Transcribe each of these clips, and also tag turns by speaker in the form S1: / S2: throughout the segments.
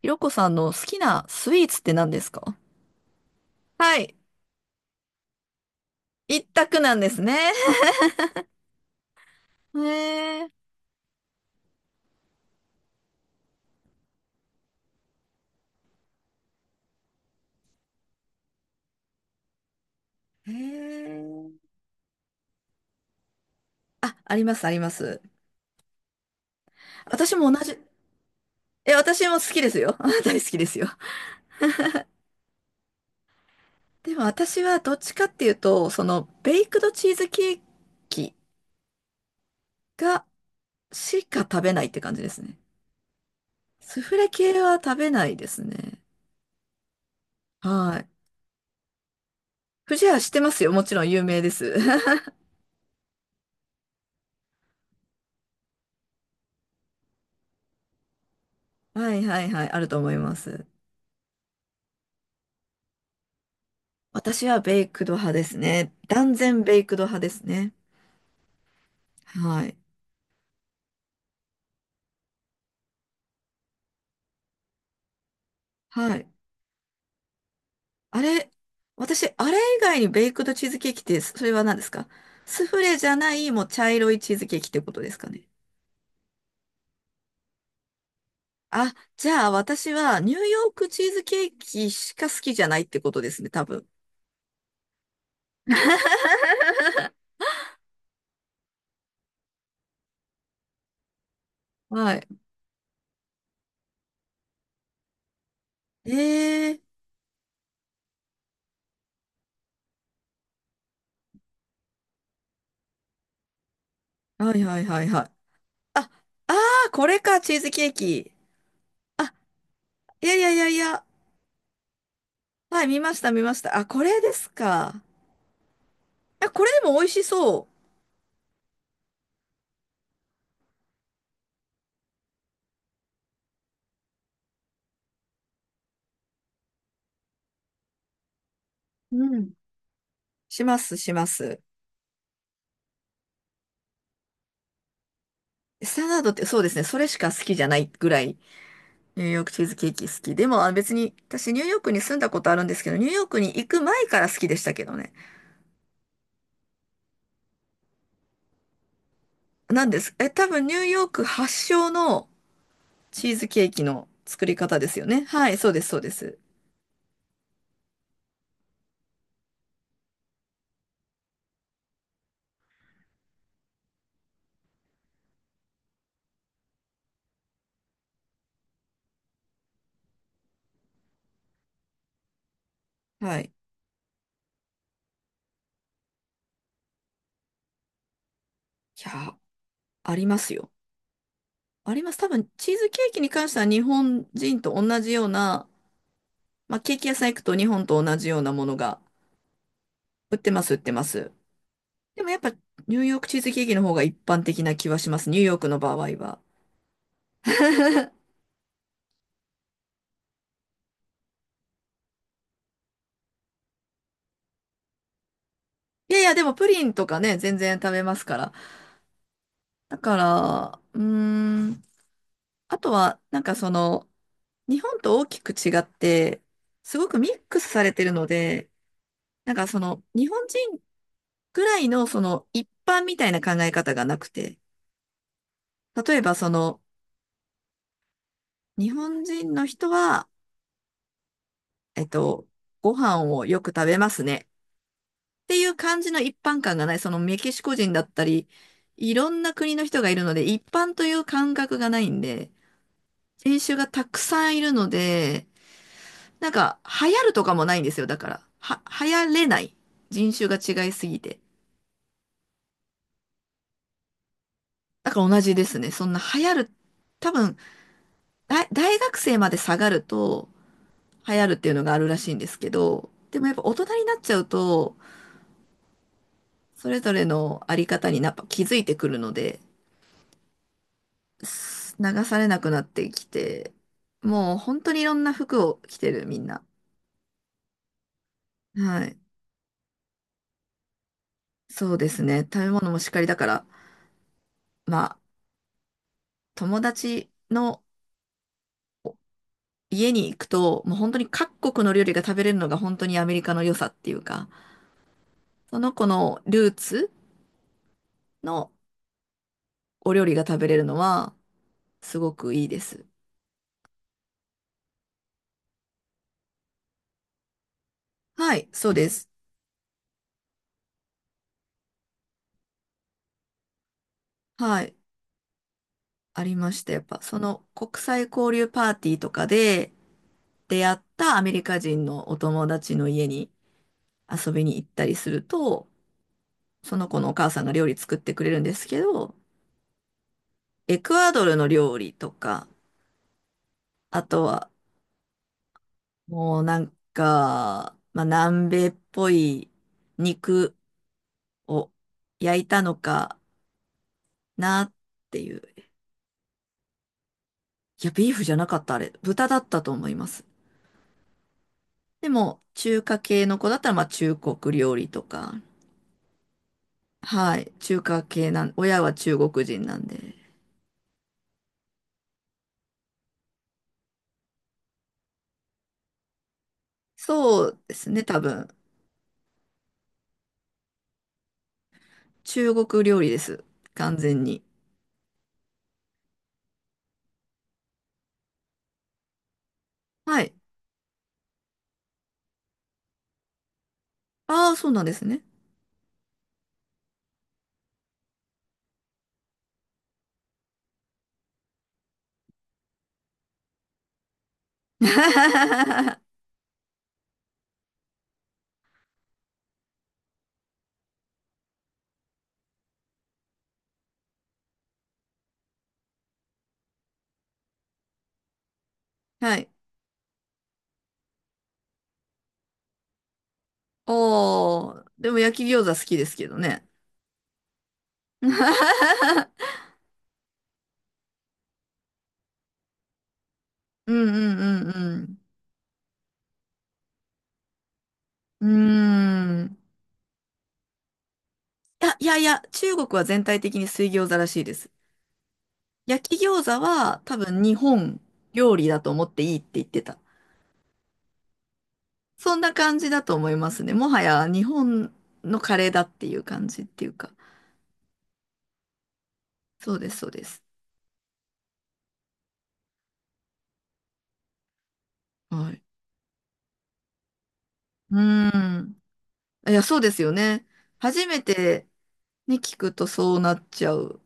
S1: ひろこさんの好きなスイーツって何ですか？はい。一択なんですね。へえー、へーあ、あります、あります。私も同じ、え、私も好きですよ。大好きですよ。でも私はどっちかっていうと、その、ベイクドチーズケーキが、しか食べないって感じですね。スフレ系は食べないですね。はい。不二家知ってますよ。もちろん有名です。はいはいはい、あると思います。私はベイクド派ですね。断然ベイクド派ですね。はい。はい。あれ、私、あれ以外にベイクドチーズケーキって、それは何ですか？スフレじゃない、もう茶色いチーズケーキってことですかね。あ、じゃあ私はニューヨークチーズケーキしか好きじゃないってことですね、多分。はい。ええーはいはいはいはい。あ、ああこれか、チーズケーキ。あ、いやいやいやいや。はい、見ました見ました。あ、これですか？あ、これでも美味しそう。うん。します、します。スタンダードってそうですね、それしか好きじゃないぐらい、ニューヨークチーズケーキ好き。でも、あ別に、私ニューヨークに住んだことあるんですけど、ニューヨークに行く前から好きでしたけどね。なんです。え、多分ニューヨーク発祥のチーズケーキの作り方ですよね。はい、そうです、そうです。はい。いや、ありますよ。あります。多分、チーズケーキに関しては日本人と同じような、まあ、ケーキ屋さん行くと日本と同じようなものが売ってます、売ってます。でもやっぱニューヨークチーズケーキの方が一般的な気はします。ニューヨークの場合は。いやいや、でもプリンとかね、全然食べますから。だから、うーん、あとは、なんかその、日本と大きく違って、すごくミックスされてるので、なんかその、日本人ぐらいのその、一般みたいな考え方がなくて、例えばその、日本人の人は、えっと、ご飯をよく食べますね。っていう感じの一般感がない。そのメキシコ人だったり、いろんな国の人がいるので、一般という感覚がないんで、人種がたくさんいるので、なんか、流行るとかもないんですよ。だから、は、流行れない。人種が違いすぎて。だから同じですね。そんな流行る、多分、大大学生まで下がると、流行るっていうのがあるらしいんですけど、でもやっぱ大人になっちゃうと、それぞれのあり方になっぱ気づいてくるので、す流されなくなってきて、もう本当にいろんな服を着てる、みんな。はい。そうですね。食べ物もしっかりだから、まあ、友達の家に行くと、もう本当に各国の料理が食べれるのが本当にアメリカの良さっていうか、その子のルーツのお料理が食べれるのは、すごくいいです。はい、そうです。はい、ありました。やっぱ、その国際交流パーティーとかで出会ったアメリカ人のお友達の家に、遊びに行ったりすると、その子のお母さんが料理作ってくれるんですけど、エクアドルの料理とか、あとはもうなんか、まあ、南米っぽい肉を焼いたのかなっていう。いや、ビーフじゃなかった、あれ。豚だったと思います。でも、中華系の子だったら、まあ、中国料理とか、はい、中華系なん、親は中国人なんで。そうですね、多分。中国料理です。完全に。はい。ああ、そうなんですね。はい。おー、でも焼き餃子好きですけどね。うんうんうんうん。うーん。いや、いやいや、中国は全体的に水餃子らしいです。焼き餃子は多分日本料理だと思っていいって言ってた。そんな感じだと思いますね。もはや日本のカレーだっていう感じっていうか。そうです、そうです。はい。うーん。いや、そうですよね。初めてね、聞くとそうなっちゃう。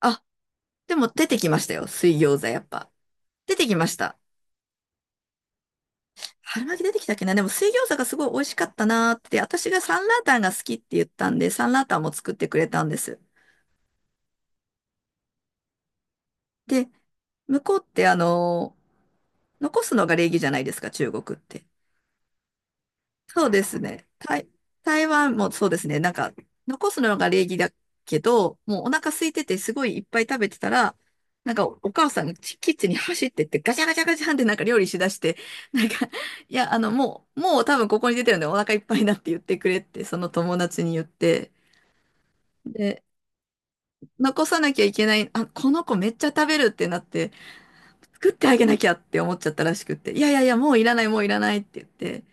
S1: あ、でも出てきましたよ。水餃子やっぱ。出てきました。春巻き出てきたっけなでも水餃子がすごい美味しかったなーって、私がサンラータンが好きって言ったんで、サンラータンも作ってくれたんです。で、向こうってあの残すのが礼儀じゃないですか、中国って。そうですね。台、台湾もそうですね。なんか、残すのが礼儀だけど、もうお腹空いててすごいいっぱい食べてたら、なんかおお母さんがキキッチンに走ってってガチャガチャガチャンってなんか料理しだして、なんか、いや、あの、もう、もう多分ここに出てるんでお腹いっぱいだって言ってくれって、その友達に言って、で、残さなきゃいけない、あ、この子めっちゃ食べるってなって、作ってあげなきゃって思っちゃったらしくって、いやいやいや、もういらないもういらないって言って、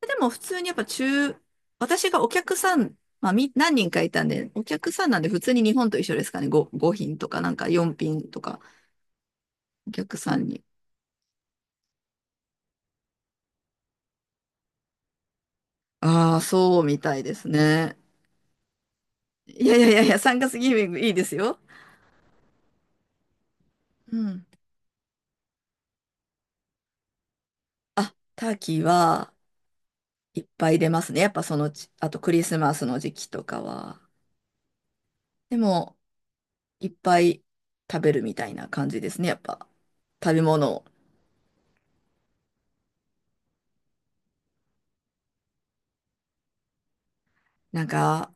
S1: でも普通にやっぱ中、私がお客さん、まあ、み、何人かいたんで、お客さんなんで普通に日本と一緒ですかね。5、5品とかなんか4品とか、お客さんに。ああ、そうみたいですね。いやいやいやいや、3月ギビングいいですよ。うん。あ、ターキーはいっぱい出ますね。やっぱそのち、あとクリスマスの時期とかは。でも、いっぱい食べるみたいな感じですね。やっぱ、食べ物を。なんか、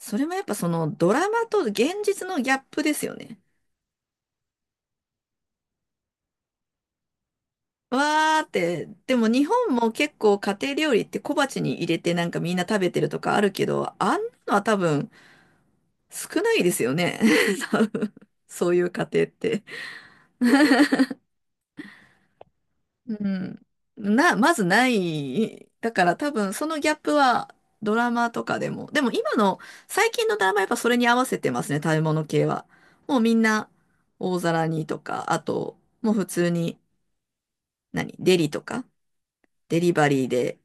S1: それもやっぱそのドラマと現実のギャップですよね。わーって、でも日本も結構家庭料理って小鉢に入れてなんかみんな食べてるとかあるけど、あんなのは多分少ないですよね。多分そういう家庭って。うん。な、まずない。だから多分そのギャップはドラマとかでも。でも今の最近のドラマやっぱそれに合わせてますね、食べ物系は。もうみんな大皿にとか、あともう普通に何デリとか。デリバリーで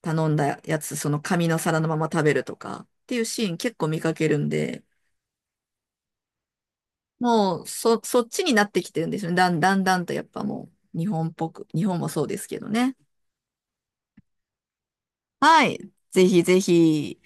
S1: 頼んだやつ、その紙の皿のまま食べるとかっていうシーン結構見かけるんで、もうそ、そっちになってきてるんですよね。だんだんだんとやっぱもう日本っぽく、日本もそうですけどね。はい。ぜひぜひ。